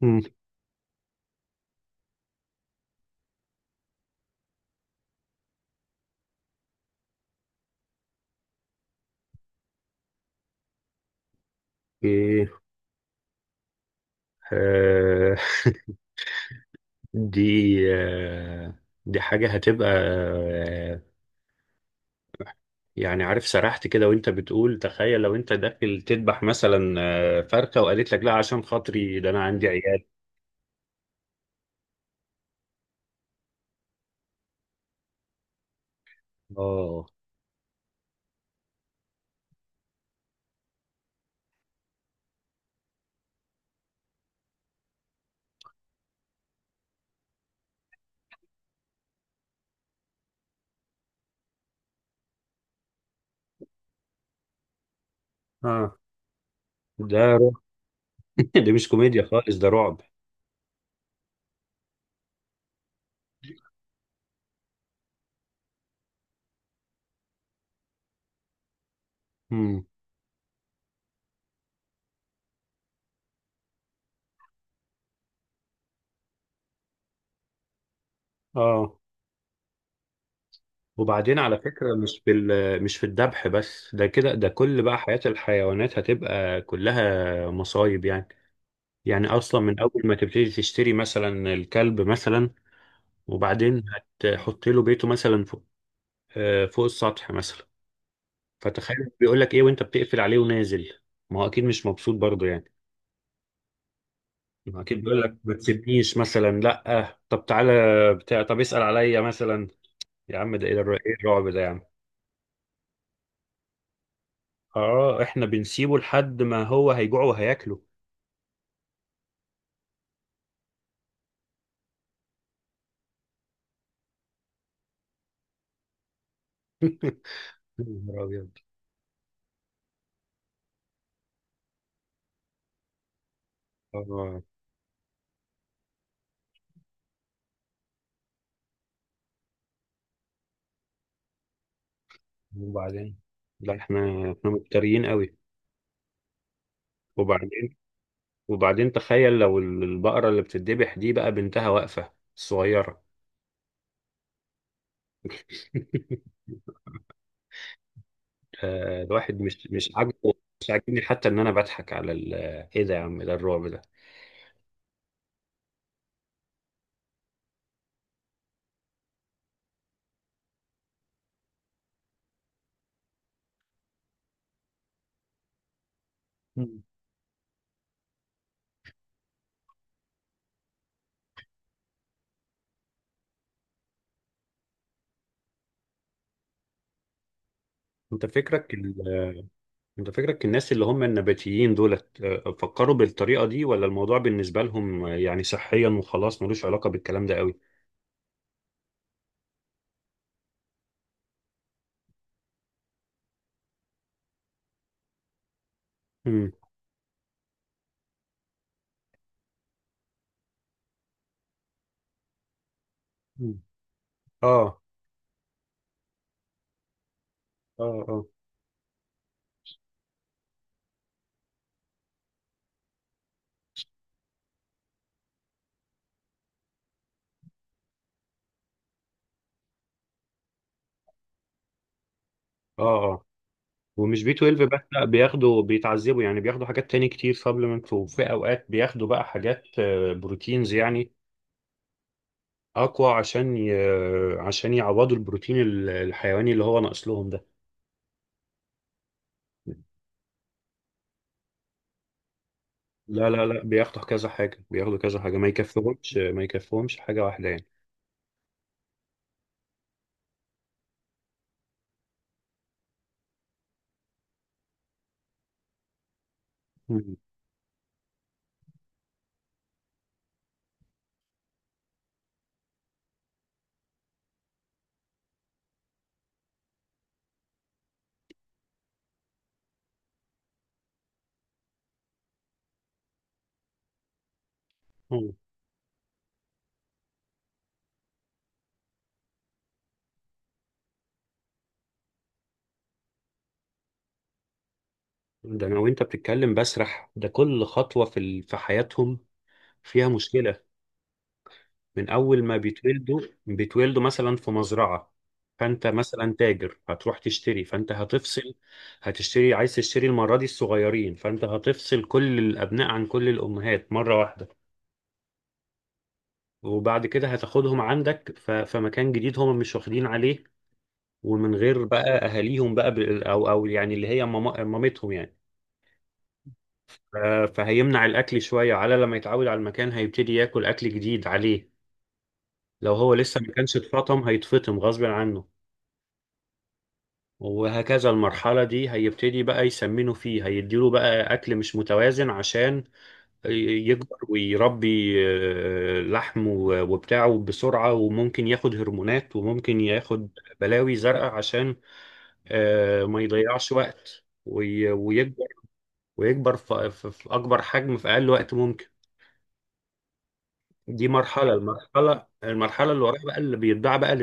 مم. ايه آه دي آه دي حاجة هتبقى يعني عارف، سرحت كده وانت بتقول تخيل لو انت داخل تذبح مثلا فرخة وقالت لك لا، عشان خاطري ده انا عندي عيال. اه اه ده رعب. دي مش كوميديا خالص، ده رعب. مم. اه وبعدين على فكرة، مش في مش في الذبح بس، ده كده ده كل بقى حياة الحيوانات هتبقى كلها مصايب يعني. يعني اصلا من اول ما تبتدي تشتري مثلا الكلب مثلا، وبعدين هتحط له بيته مثلا فوق، فوق السطح مثلا. فتخيل بيقول لك ايه وانت بتقفل عليه ونازل. ما هو اكيد مش مبسوط برضه يعني. ما هو اكيد بيقول لك ما تسيبنيش مثلا، لا طب تعالى بتاع، طب اسال عليا مثلا. يا عم ده ايه إيه الرعب ده يا عم؟ اه، احنا بنسيبه لحد ما هو هيجوع وهياكله. يا نهار ابيض. اه. وبعدين لا، احنا مفتريين قوي. وبعدين وبعدين تخيل لو البقرة اللي بتتذبح دي بقى بنتها واقفة الصغيرة. الواحد مش عاجبه. مش عاجبني حتى ان انا بضحك على ايه ده يا عم، ده الرعب ده. مم. انت فكرك ال- انت فكرك الناس اللي هم النباتيين دولت، فكروا بالطريقة دي، ولا الموضوع بالنسبة لهم يعني صحيا وخلاص ملوش علاقة بالكلام ده قوي؟ امم. مم. اه اه. اه ومش بي 12 بس، لا بياخدوا، بيتعذبوا يعني، بياخدوا حاجات تاني كتير سبلمنت، وفي اوقات بياخدوا بقى حاجات بروتينز يعني اقوى، عشان يعوضوا البروتين الحيواني اللي هو ناقص لهم ده. لا لا لا، بياخدوا كذا حاجة، بياخدوا كذا حاجة، ما يكفهمش حاجة واحدة يعني. مم. مم. ده انا وانت بتتكلم بسرح، ده كل خطوة في في حياتهم فيها مشكلة. من اول ما بيتولدوا، بيتولدوا مثلا في مزرعة، فانت مثلا تاجر هتروح تشتري، فانت هتفصل، هتشتري، عايز تشتري المرة دي الصغيرين، فانت هتفصل كل الابناء عن كل الامهات مرة واحدة. وبعد كده هتاخدهم عندك في مكان جديد هم مش واخدين عليه، ومن غير بقى اهاليهم بقى، او يعني اللي هي مامتهم يعني. ف- فهيمنع الاكل شوية على لما يتعود على المكان، هيبتدي ياكل اكل جديد عليه. لو هو لسه ما كانش اتفطم، هيتفطم غصب عنه. وهكذا. المرحلة دي هيبتدي بقى يسمنه فيه، هيديله بقى أكل مش متوازن عشان يكبر ويربي لحم وبتاعه بسرعة. وممكن ياخد هرمونات، وممكن ياخد بلاوي زرقاء عشان ما يضيعش وقت ويكبر، ويكبر في في أكبر حجم في أقل وقت ممكن. دي مرحلة المرحلة المرحلة اللي وراها بقى، اللي بيتباع بقى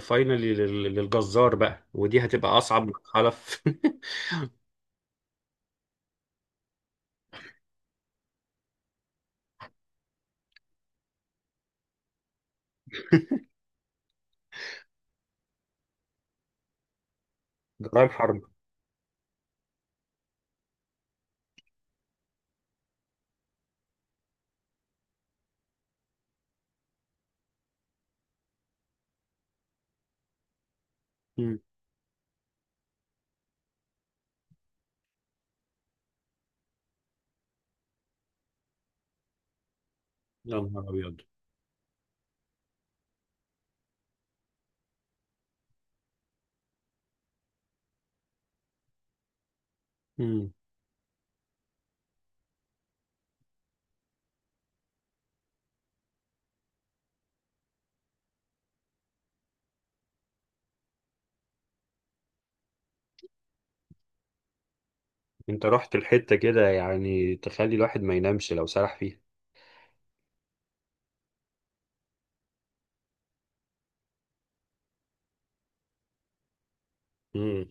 فاينلي للجزار بقى، ودي هتبقى أصعب مرحلة في… جرائم حرب. مم. يا نهار أبيض. مم. أنت رحت الحتة كده يعني تخلي الواحد ما ينامش لو سرح فيها. مم.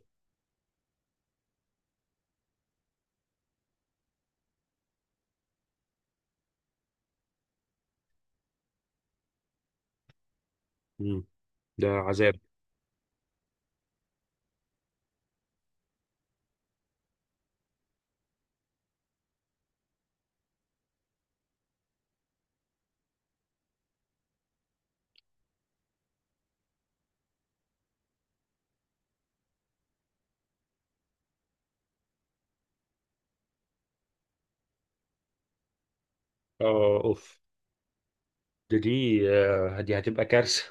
مم. ده عذاب. آه أوف. ده دي دي هتبقى كارثة.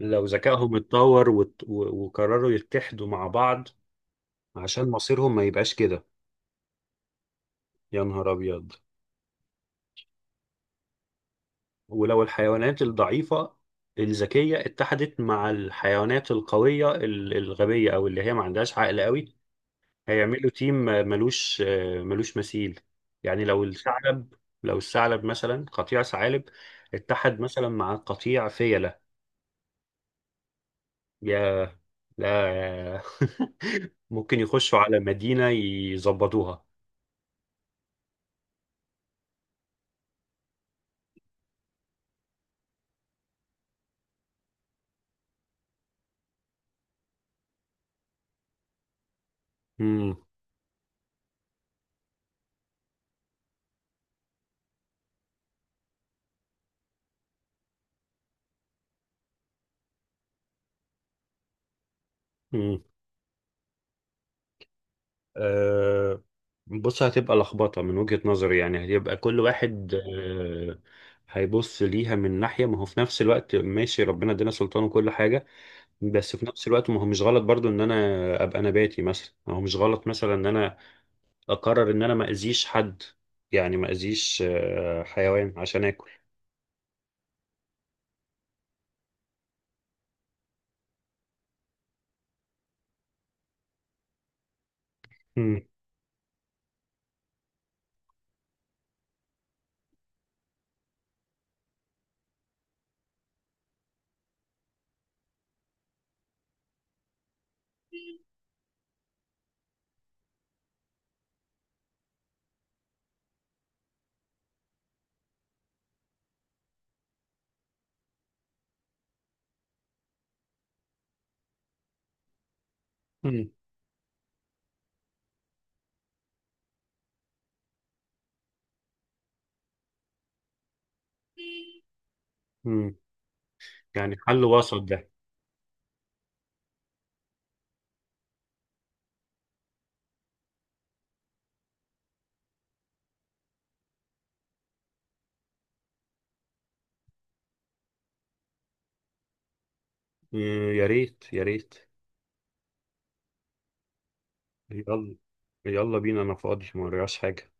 لو ذكائهم اتطور وقرروا يتحدوا مع بعض عشان مصيرهم ما يبقاش كده. يا نهار أبيض. ولو الحيوانات الضعيفة الذكية اتحدت مع الحيوانات القوية الغبية، أو اللي هي ما عندهاش عقل قوي، هيعملوا تيم ملوش مثيل. يعني لو الثعلب، مثلا قطيع ثعالب اتحد مثلا مع قطيع فيلة، يا لا. ممكن يخشوا على مدينة يظبطوها. امم. امم. أه، بص هتبقى لخبطة من وجهة نظري. يعني هيبقى كل واحد أه هيبص ليها من ناحية، ما هو في نفس الوقت ماشي، ربنا ادينا سلطان وكل حاجة، بس في نفس الوقت ما هو مش غلط برضو ان انا ابقى نباتي مثلا. ما هو مش غلط مثلا ان انا اقرر ان انا ما اذيش حد، يعني ما اذيش حيوان عشان اكل. مم. مم. مم. يعني حل وسط ده. مم. يا ريت، يا ريت. يلا، يلا بينا، انا فاضي ما ورياش حاجة.